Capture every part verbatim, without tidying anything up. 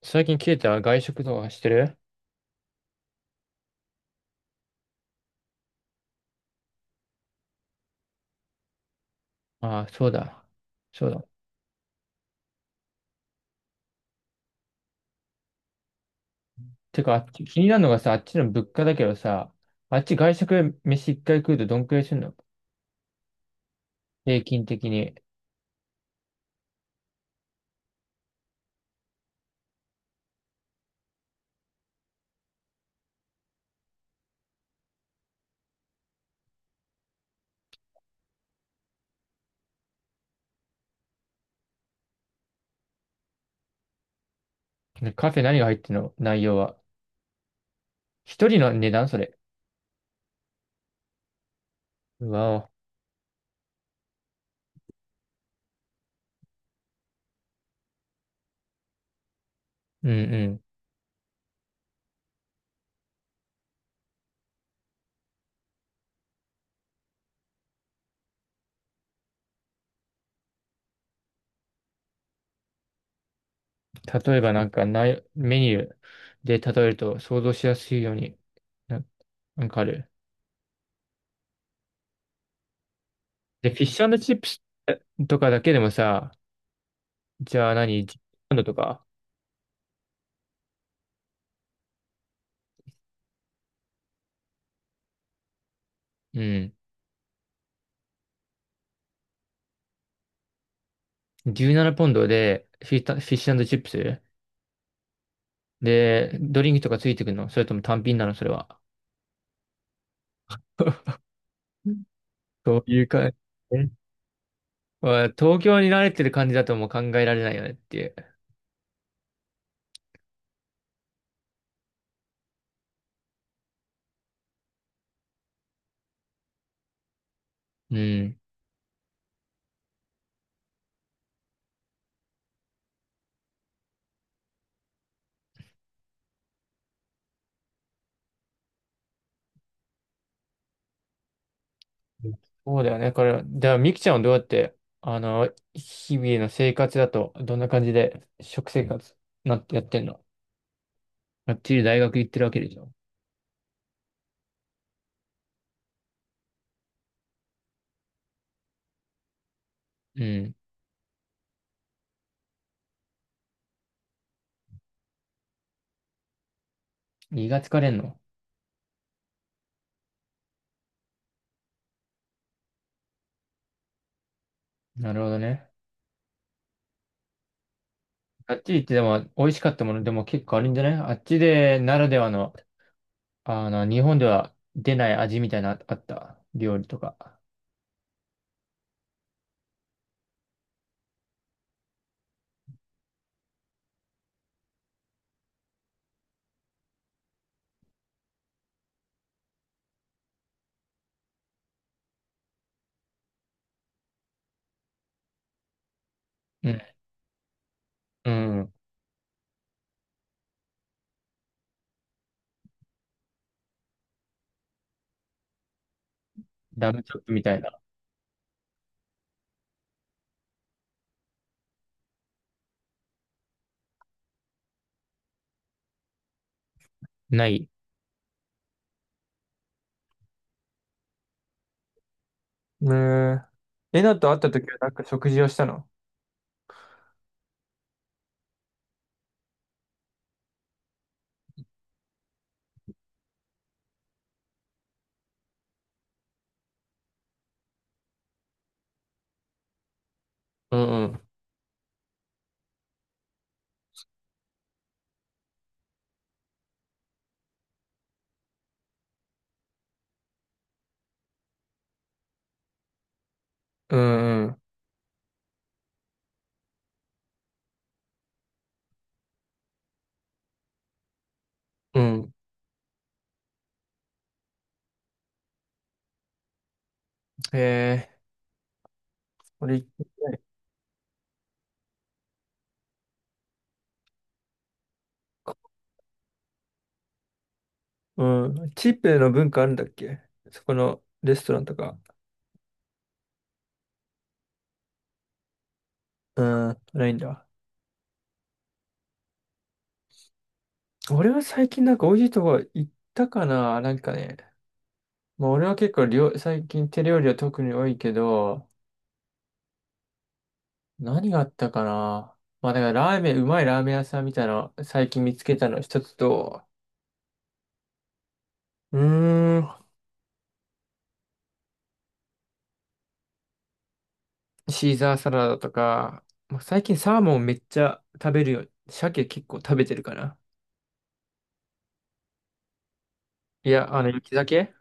最近切れた外食とかしてる？ああ、そうだ。そうだ。てか、あっち、気になるのがさ、あっちの物価だけどさ、あっち外食飯一回食うとどんくらいするの？平均的に。ねカフェ何が入ってるの？内容は。一人の値段それ？うわお。うんうん。例えばなんか内、メニューで例えると想像しやすいように、な、なんかある？で、フィッシュチップスとかだけでもさ、じゃあ何？ じゅう ポンドとか？うん。じゅうななポンドでフィッタ、フィッシュチップスで、ドリンクとかついてくるの？それとも単品なのそれは。うん、そういうか、え、まあ東京に慣れてる感じだともう考えられないよねっていう。うん。そうだよね。これ、では、ミキちゃんはどうやって、あの、日々の生活だと、どんな感じで、食生活、なってやってんの？がっちり大学行ってるわけでしょ。うん。胃が疲れんの？なるほどね。あっちりってでも、美味しかったものでも結構あるんじゃない、あっちで、ならではの、あの、日本では出ない味みたいな、あった料理とか。うん。うん。ラムチョップみたいな。ない。ねえ。えなと会った時はなんか食事をしたの？うんうん。うんうん。うん。へえ。俺行ってない、うん。チープの文化あるんだっけ？そこのレストランとか。うん。ないんだ。俺は最近なんか美味しいとこ行ったかな、なんかね。まあ俺は結構料、最近手料理は特に多いけど、何があったかな。まあだからラーメン、うまいラーメン屋さんみたいなの最近見つけたの一つと、うーん、シーザーサラダとか、まあ、最近サーモンめっちゃ食べるよ。鮭結構食べてるかな。いや、あの、雪鮭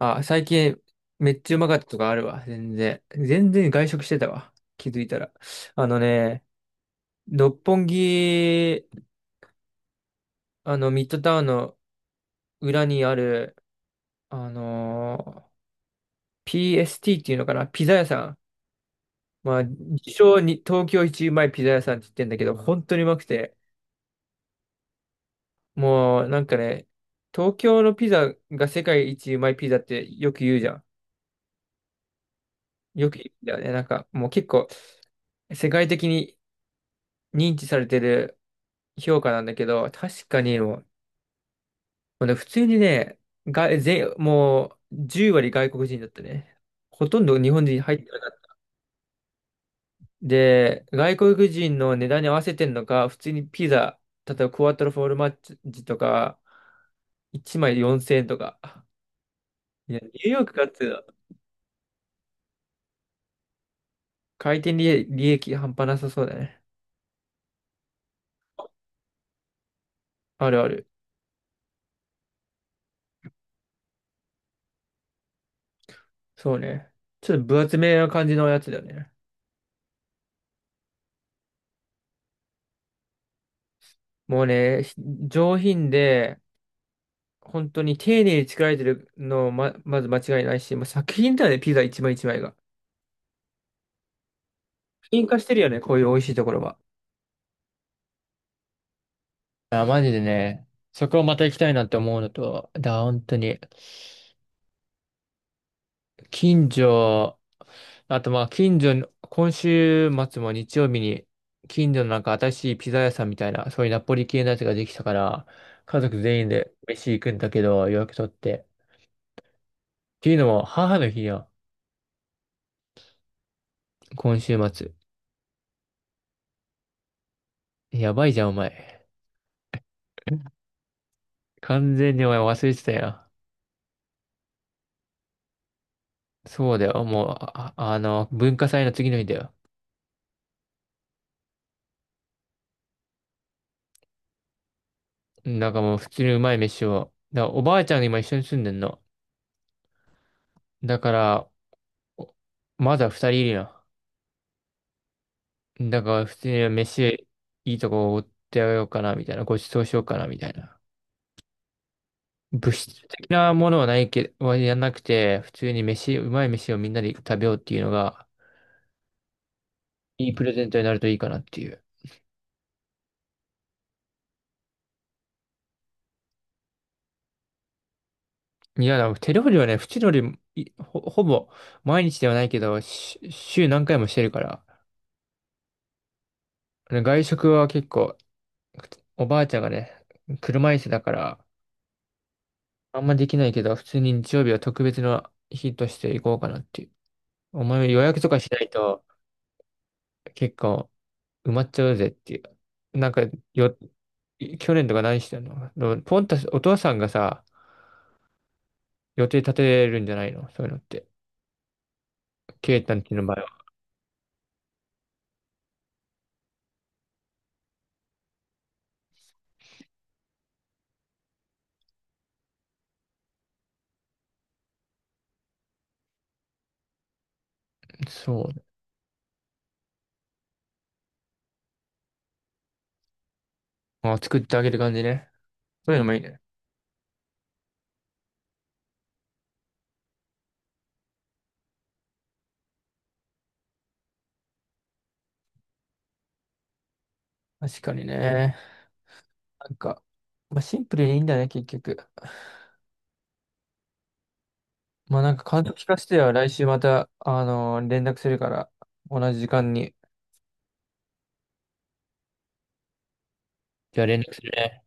あ、最近めっちゃうまかったとかあるわ。全然。全然外食してたわ。気づいたら。あのね、六本木、あの、ミッドタウンの裏にある、あのー ピーエスティー っていうのかなピザ屋さん。まあ、自称に東京一うまいピザ屋さんって言ってんだけど、本当にうまくて、もうなんかね、東京のピザが世界一うまいピザってよく言うじゃん。よく言うんだよね。なんかもう結構世界的に認知されてる評価なんだけど、確かにもう、もうね普通にね、が、全、もうじゅう割外国人だったね。ほとんど日本人入ってないで、外国人の値段に合わせてんのか、普通にピザ、例えばクワトロフォルマッジとか、いちまいよんせんえんとか。いや、ニューヨークかっていう。回転利利益半端なさそうだね。あるある。そうね。ちょっと分厚めな感じのやつだよね。もうね、ひ上品で、本当に丁寧に作られてるのま、まず間違いないし、もう作品だよね、ピザ一枚一枚が。品化してるよね、こういう美味しいところは。あマジでね、そこをまた行きたいなって思うのと、だ、本当に、近所、あとまあ、近所の、今週末も日曜日に、近所のなんか新しいピザ屋さんみたいな、そういうナポリ系のやつができたから、家族全員で飯行くんだけど、予約取って。っていうのも、母の日や、今週末。やばいじゃん、お前。完全にお前忘れてたよ。そうだよ、もう、あ、あの、文化祭の次の日だよ。なんかもう普通にうまい飯を。だからおばあちゃんが今一緒に住んでんの。だから、お、まだ二人いるやん。だから普通に飯いいとこおごってあげようかな、みたいな。ごちそうしようかな、みたいな。物質的なものはないけど、はやんなくて、普通に飯、うまい飯をみんなで食べようっていうのが、いいプレゼントになるといいかなっていう。いや、でも手料理はね、普通のよりいほ、ほぼ毎日ではないけど、し週何回もしてるから。外食は結構おばあちゃんがね、車椅子だから、あんまできないけど、普通に日曜日は特別な日として行こうかなっていう。お前予約とかしないと結構埋まっちゃうぜっていう。なんかよ、去年とか何してんの？でもポンタス、お父さんがさ、予定立てるんじゃないの？そういうのって。ケイタンちの場合は。そう。あ、作ってあげる感じね。そういうのもいいね。確かにね。なんか、まあ、シンプルにいいんだね、結局。まあなんか感想聞かせてよ。来週また、あのー連絡するから、同じ時間に。じゃあ連絡するね。